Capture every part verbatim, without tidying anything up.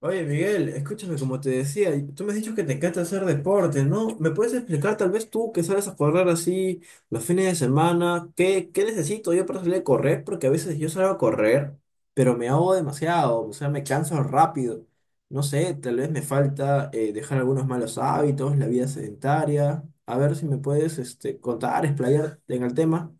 Oye, Miguel, escúchame, como te decía, y tú me has dicho que te encanta hacer deporte, ¿no? ¿Me puedes explicar, tal vez tú que sales a correr así los fines de semana, qué, qué necesito yo para salir a correr? Porque a veces yo salgo a correr, pero me ahogo demasiado, o sea, me canso rápido. No sé, tal vez me falta eh, dejar algunos malos hábitos, la vida sedentaria. A ver si me puedes este, contar, explayar en el tema.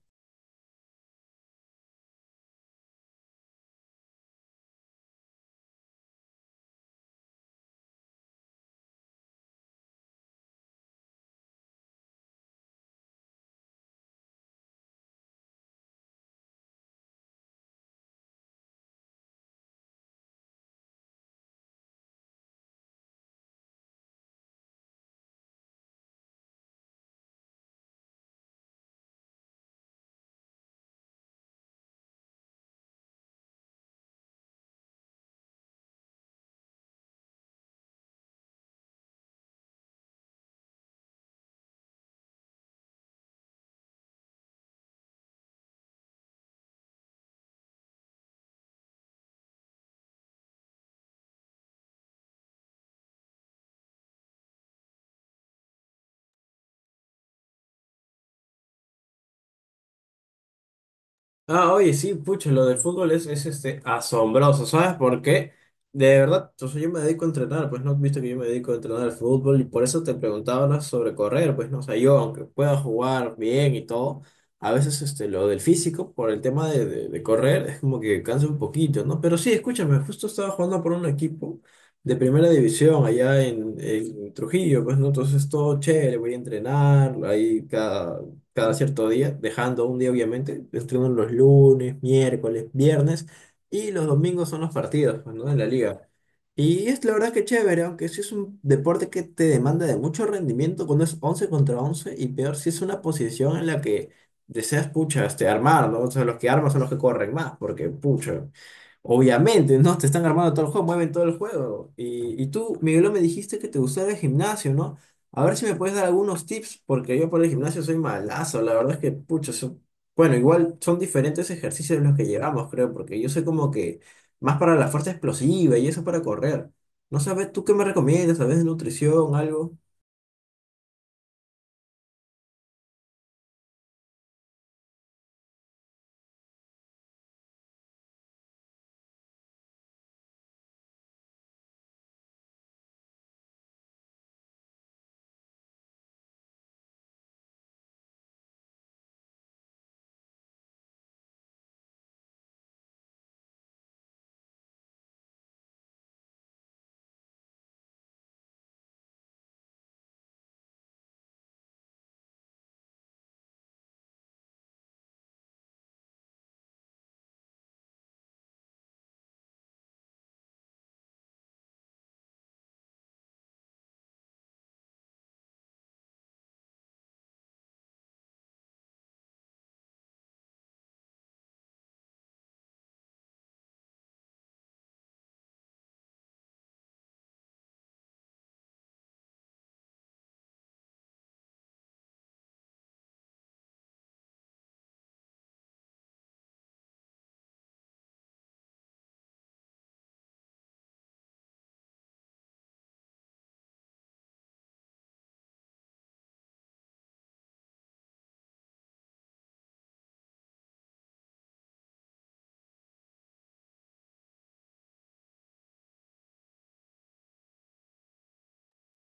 Ah, oye, sí, pucha, lo del fútbol es, es este, asombroso, ¿sabes por qué? De verdad, yo, soy- yo me dedico a entrenar, pues no has visto que yo me dedico a entrenar al fútbol y por eso te preguntaba, ¿no? Sobre correr, pues no, o sea, yo aunque pueda jugar bien y todo, a veces este, lo del físico, por el tema de, de, de correr, es como que cansa un poquito, ¿no? Pero sí, escúchame, justo estaba jugando por un equipo de primera división allá en, en Trujillo, pues no, entonces todo chévere, voy a entrenar, ahí cada cada cierto día, dejando un día obviamente, entrenan los lunes, miércoles, viernes y los domingos son los partidos, pues, ¿no? De la liga. Y es la verdad que chévere, aunque sí es un deporte que te demanda de mucho rendimiento cuando es once contra once y peor si es una posición en la que deseas, pucha, este, armar, ¿no? O sea, los que arman son los que corren más, porque, pucha, obviamente, ¿no? Te están armando todo el juego, mueven todo el juego. Y, y tú, Miguelo, me dijiste que te gustaba el gimnasio, ¿no? A ver si me puedes dar algunos tips, porque yo por el gimnasio soy malazo. La verdad es que, pucha, son... bueno, igual son diferentes ejercicios los que llevamos, creo, porque yo soy como que más para la fuerza explosiva y eso para correr. No sabes, ¿tú qué me recomiendas? ¿Sabes de nutrición, algo?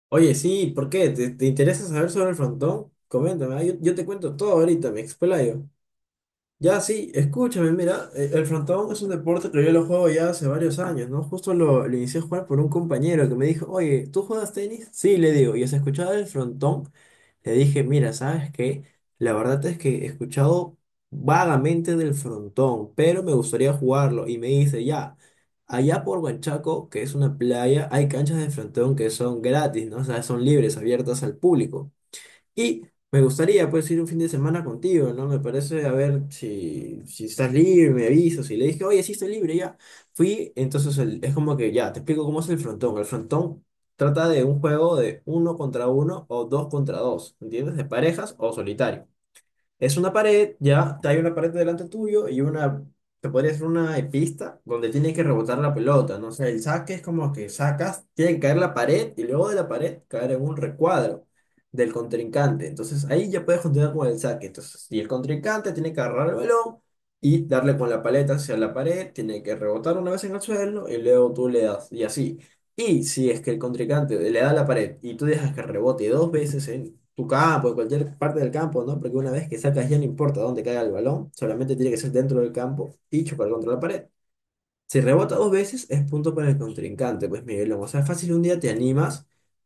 Oye, sí, ¿por qué? ¿Te, te interesa saber sobre el frontón? Coméntame, ah. Yo, yo te cuento todo ahorita, me explayo. Ya, sí, escúchame, mira, eh, el frontón es un deporte que yo lo juego ya hace varios años, ¿no? Justo lo, lo inicié a jugar por un compañero que me dijo, oye, ¿tú juegas tenis? Sí, le digo, y se escuchaba el frontón, le dije, mira, ¿sabes qué? La verdad es que he escuchado vagamente del frontón, pero me gustaría jugarlo, y me dice, ya, allá por Huanchaco, que es una playa, hay canchas de frontón que son gratis, ¿no? O sea, son libres, abiertas al público. Y me gustaría, pues, ir un fin de semana contigo, ¿no? Me parece, a ver si, si estás libre, me avisas. Y le dije, oye, sí estoy libre, ya. Fui, entonces el- es como que ya, te explico cómo es el frontón. El frontón trata de un juego de uno contra uno o dos contra dos, ¿entiendes? De parejas o solitario. Es una pared, ya hay una pared delante tuyo y una, te podría decir una pista donde tienes que rebotar la pelota, ¿no? O sea, el saque es como que sacas, tiene que caer la pared y luego de la pared caer en un recuadro del contrincante. Entonces ahí ya puedes continuar con el saque. Entonces, y el contrincante tiene que agarrar el balón y darle con la paleta hacia la pared, tiene que rebotar una vez en el suelo y luego tú le das y así. Y si es que el contrincante le da a la pared y tú dejas que rebote dos veces en tu campo, en cualquier parte del campo, ¿no? Porque una vez que sacas ya no importa dónde caiga el balón, solamente tiene que ser dentro del campo y chocar contra la pared. Si rebota dos veces es punto para el contrincante, pues Miguelón. O sea, fácil, un día te animas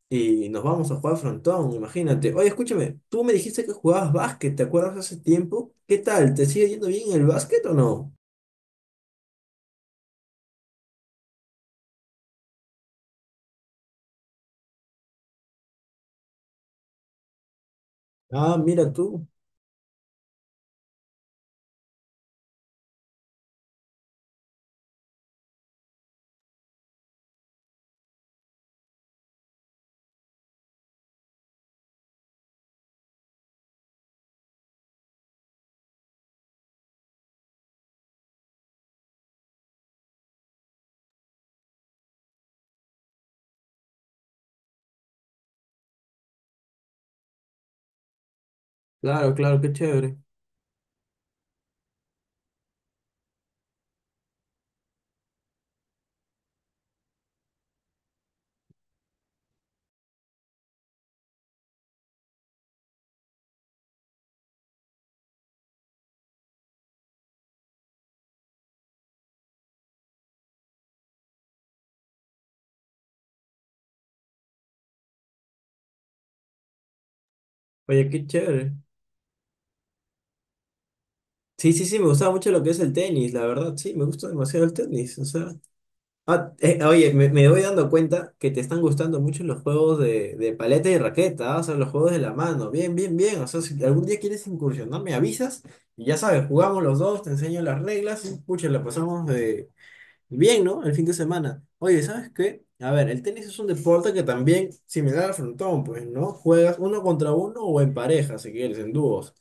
y nos vamos a jugar frontón, imagínate. Oye, escúchame, tú me dijiste que jugabas básquet, ¿te acuerdas hace tiempo? ¿Qué tal? ¿Te sigue yendo bien el básquet o no? Ah, mira tú. Claro, claro, qué chévere. Oye, qué chévere. Sí, sí, sí, me gustaba mucho lo que es el tenis, la verdad, sí, me gusta demasiado el tenis, o sea... Ah, eh, oye, me, me voy dando cuenta que te están gustando mucho los juegos de, de paleta y raqueta, ah. O sea, los juegos de la mano, bien, bien, bien, o sea, si algún día quieres incursionar, me avisas y ya sabes, jugamos los dos, te enseño las reglas y, pucha, la pasamos bien, ¿no? El fin de semana. Oye, ¿sabes qué? A ver, el tenis es un deporte que también, similar al frontón, pues, ¿no? Juegas uno contra uno o en pareja, si quieres, en dúos.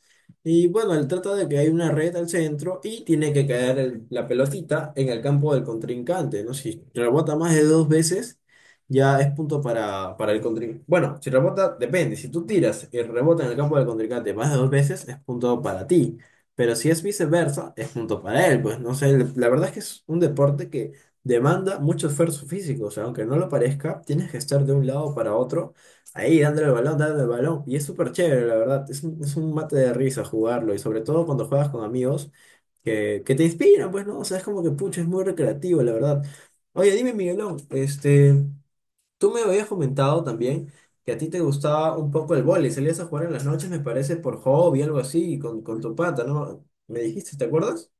Y bueno, él trata de que hay una red al centro y tiene que caer el- la pelotita en el campo del contrincante, ¿no? Si rebota más de dos veces, ya es punto para, para el contrincante. Bueno, si rebota, depende. Si tú tiras y rebota en el campo del contrincante más de dos veces, es punto para ti. Pero si es viceversa, es punto para él. Pues no sé, la verdad es que es un deporte que demanda mucho esfuerzo físico. O sea, aunque no lo parezca, tienes que estar de un lado para otro, ahí dándole el balón, dándole el balón. Y es súper chévere, la verdad. Es un, es un mate de risa jugarlo. Y sobre todo cuando juegas con amigos que, que te inspiran, pues, ¿no? O sea, es como que, pucha, es muy recreativo, la verdad. Oye, dime, Miguelón, este. Tú me habías comentado también que a ti te gustaba un poco el vóley, salías a jugar en las noches, me parece, por hobby, algo así, con, con tu pata, ¿no? Me dijiste, ¿te acuerdas?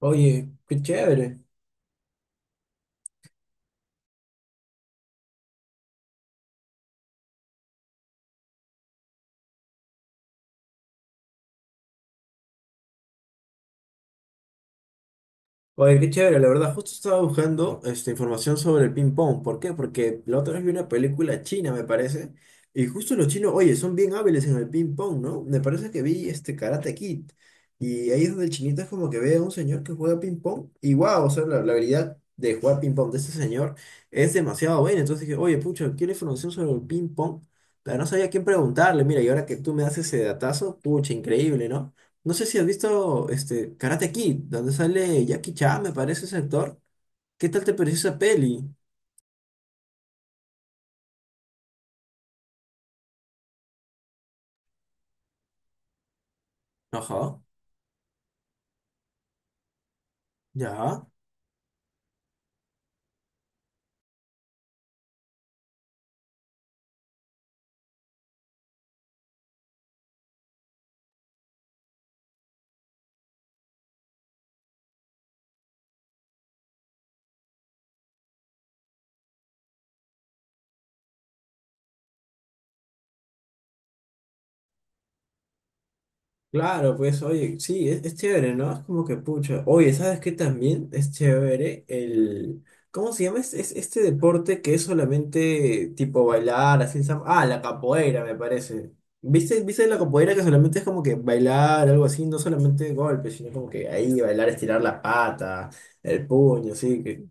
Oye, qué chévere. Oye, qué chévere, la verdad, justo estaba buscando esta información sobre el ping pong. ¿Por qué? Porque la otra vez vi una película china, me parece, y justo los chinos, oye, son bien hábiles en el ping pong, ¿no? Me parece que vi este Karate Kid, y ahí es donde el chinito es como que ve a un señor que juega ping pong, y wow, o sea, la, la habilidad de jugar ping pong de este señor es demasiado buena. Entonces dije, oye, pucha, quiero información sobre el ping pong, pero no sabía a quién preguntarle, mira, y ahora que tú me das ese datazo, pucha, increíble, ¿no? No sé si has visto este Karate Kid, donde sale Jackie Chan, me parece ese actor. ¿Qué tal te pareció esa peli? Ajá, ya. Claro, pues oye, sí, es, es chévere, ¿no? Es como que pucha. Oye, ¿sabes qué también es chévere? El... ¿Cómo se llama? Es, es- este deporte que es solamente tipo bailar, así. sam- Ah, la capoeira, me parece. ¿Viste, viste la capoeira que solamente es como que bailar, algo así, no solamente golpes, sino como que ahí bailar, estirar la pata, el puño, así que,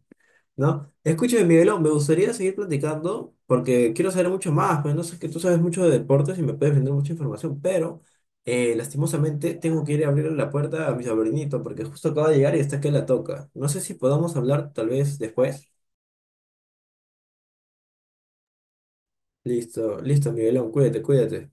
¿no? Escúchame, Miguelón, me gustaría seguir platicando porque quiero saber mucho más, pues no sé, que tú sabes mucho de deportes y me puedes vender mucha información, pero eh, lastimosamente tengo que ir a abrirle la puerta a mi sobrinito porque justo acaba de llegar y está que la toca. No sé si podamos hablar tal vez después. Listo, listo, Miguelón, cuídate, cuídate.